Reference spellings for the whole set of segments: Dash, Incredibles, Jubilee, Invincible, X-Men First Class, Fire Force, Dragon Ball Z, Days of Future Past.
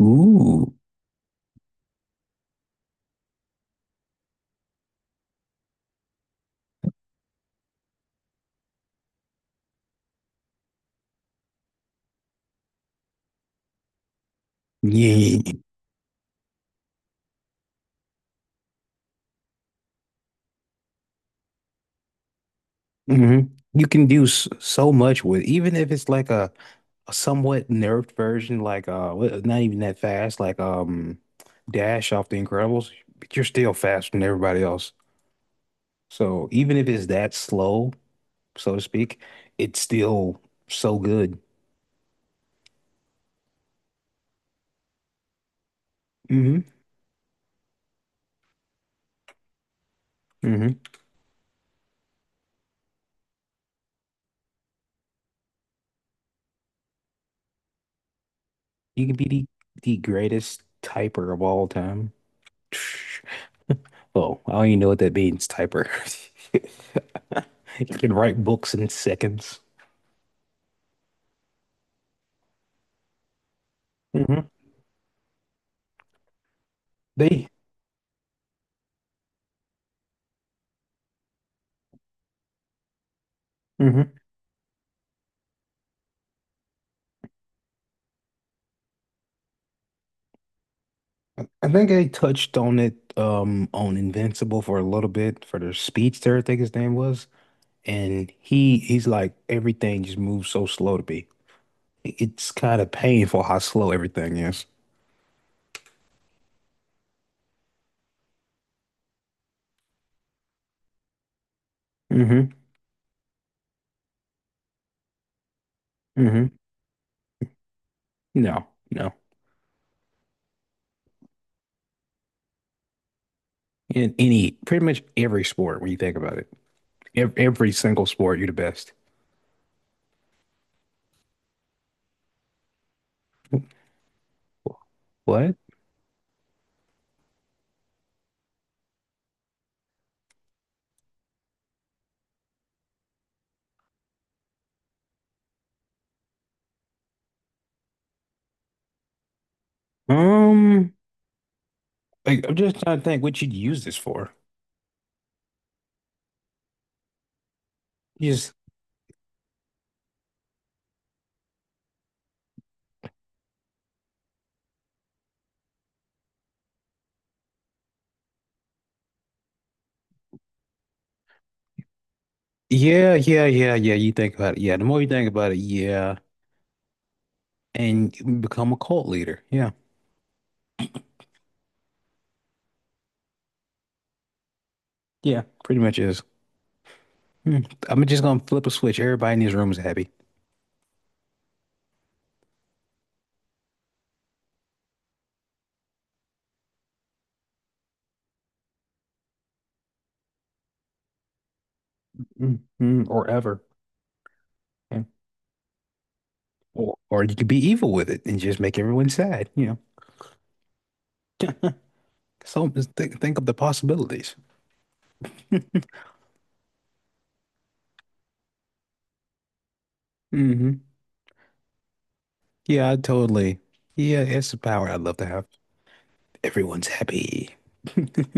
Ooh, yeah. hmm You can do so much with, even if it's like a somewhat nerfed version, like not even that fast, Dash off the Incredibles, but you're still faster than everybody else. So even if it's that slow, so to speak, it's still so good. hmm hmm You can be the greatest typer of all time. Oh, I don't even know what that means, typer. You can write books in seconds. Hmm They, hmm I think I touched on it on Invincible for a little bit for the speedster, I think his name was, and he's like everything just moves so slow to me. It's kind of painful how slow everything is. hmm hmm No, no. In any pretty much every sport when you think about it, every single sport, you're the best. What? Um, like, I'm just trying to think what you'd use this for. Just Yeah, yeah, yeah, yeah. You think about it. Yeah, the more you think about it, yeah, and you become a cult leader. Yeah, yeah, pretty much is. Hmm. I'm just gonna flip a switch. Everybody in this room is happy. Or ever. Yeah. Or you could be evil with it and just make everyone sad. You know, so just think of the possibilities. hmm Yeah, I totally. Yeah, it's a power I'd love to have. Everyone's happy.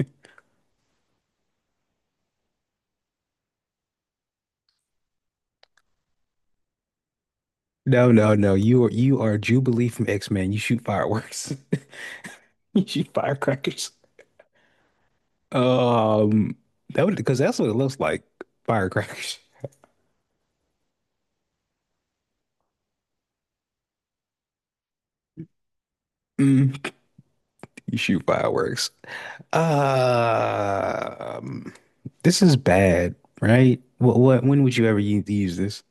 No, no, no. You are Jubilee from X-Men. You shoot fireworks. You shoot firecrackers. Um, that would because that's what it looks like. Firecrackers. Mm, you shoot fireworks. Um, this is bad, right? When would you ever use this?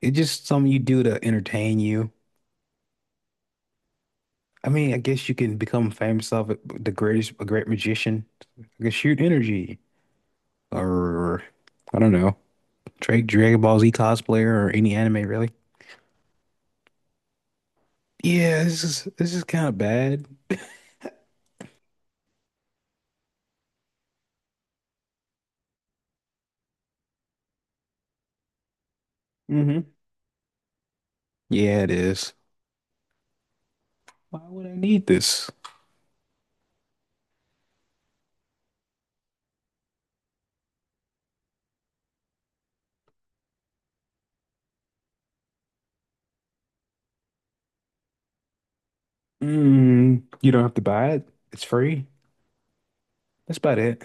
It's just something you do to entertain you. I mean, I guess you can become famous of it, the greatest, a great magician. I can shoot energy, or I don't know, Drake, Dragon Ball Z cosplayer, or any anime really. Yeah, this is kind of bad. hmm Yeah, it is. Why would I need this? Mm, you don't have to buy it. It's free. That's about it.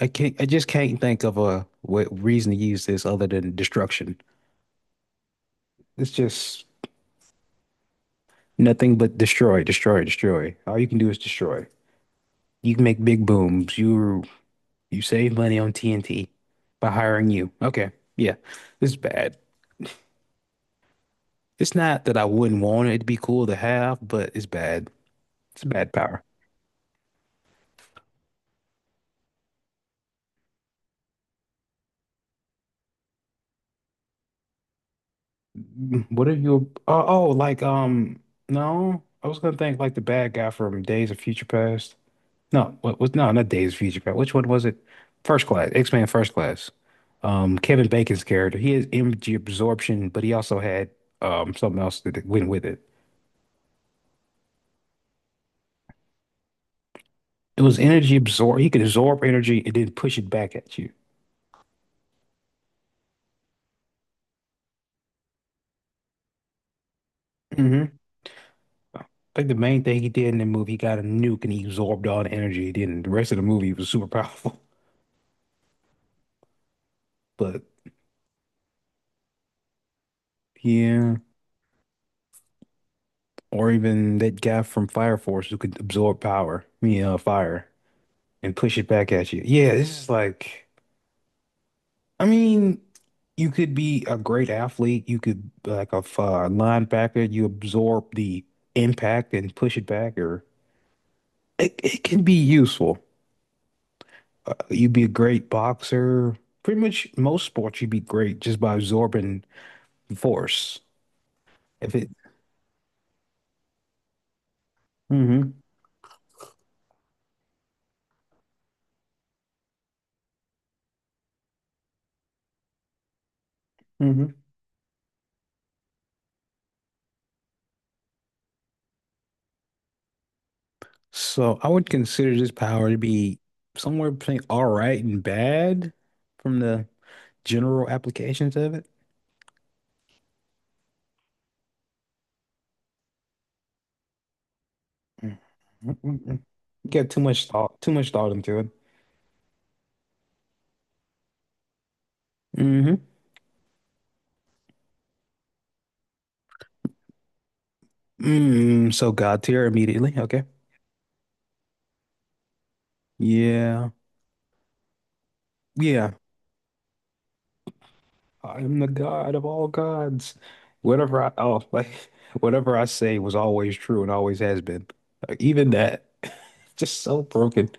I just can't think of a what reason to use this other than destruction. It's just nothing but destroy, destroy, destroy. All you can do is destroy. You can make big booms. You save money on TNT by hiring you. Okay. Yeah. This is bad. It's not that I wouldn't want it to be cool to have, but it's bad. It's bad power. What if you? Oh, oh, like no, I was gonna think like the bad guy from Days of Future Past. No, what was no, Not Days of Future Past. Which one was it? X-Men First Class. Kevin Bacon's character. He has energy absorption, but he also had something else that went with it. It was energy absorb. He could absorb energy and then push it back at you. hmm I think the main thing he did in the movie, he got a nuke and he absorbed all the energy. Then the rest of the movie was super powerful. But yeah. Or even that guy from Fire Force who could absorb power, I mean, fire, and push it back at you. Yeah, this is like, I mean, you could be a great athlete. You could be like linebacker. You absorb the impact and push it back, or it can be useful. You'd be a great boxer. Pretty much most sports, you'd be great just by absorbing force. If it, mm-hmm. So I would consider this power to be somewhere between all right and bad from the general applications of it. Mm, mm, mm, mm. You got too much thought into it. hmm Mm, so God tier immediately. Okay. Yeah. Yeah. I am the God of all gods. Like whatever I say was always true and always has been. Like, even that, just so broken.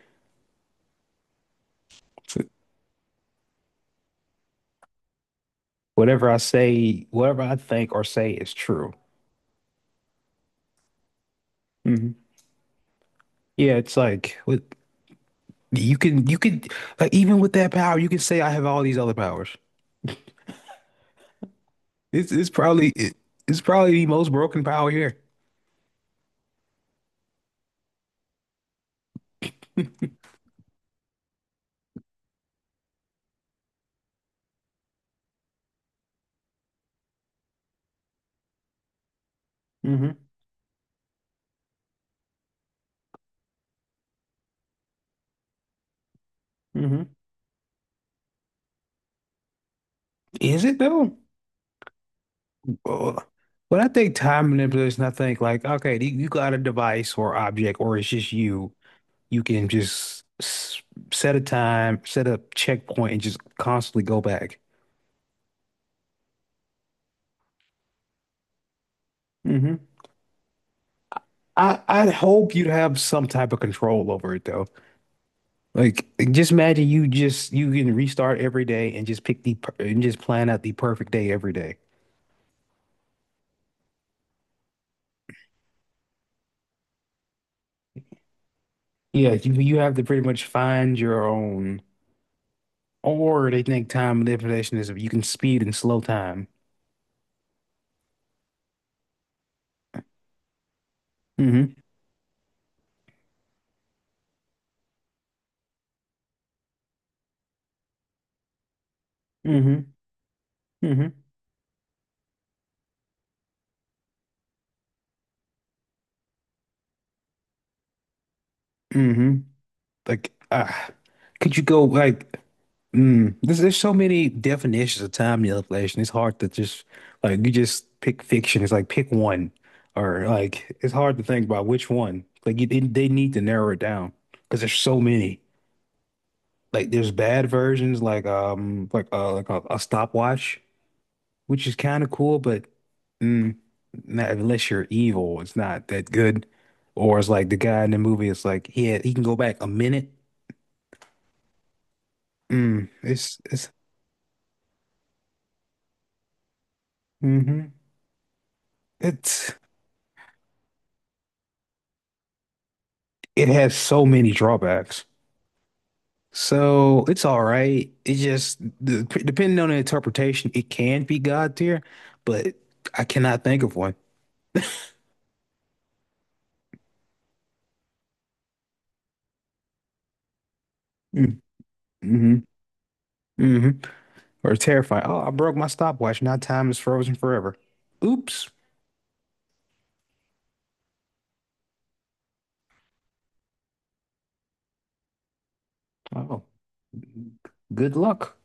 Whatever I think or say is true. Yeah, it's like with you can like even with that power, you can say I have all these other powers. It's it's probably the most broken power here. hmm hmm Is it though? Uh, When I think time manipulation, I think like, okay, you got a device or object, or it's just you. You can just s set a time, set a checkpoint, and just constantly go back. hmm I 'd hope you'd have some type of control over it though. Just imagine you just you can restart every day and just pick and just plan out the perfect day every day. Yeah, you have to pretty much find your own. Or they think time manipulation is if you can speed and slow time. Mm-hmm. Mm-hmm. Mm-hmm. Mm-hmm. Like, uh, could you go there's so many definitions of time manipulation. It's hard to just like you just pick fiction. It's like pick one, or like it's hard to think about which one. They need to narrow it down because there's so many. Like there's bad versions, a stopwatch, which is kind of cool, but mm, not, unless you're evil, it's not that good. Or it's like the guy in the movie. It's like he can go back a minute. Mm, it's hmm It's it has so many drawbacks. So it's all right. Depending on the interpretation, it can be God tier, but I cannot think of one. Mm. hmm hmm Or terrifying. Oh, I broke my stopwatch. Now time is frozen forever. Oops. Oh, good luck.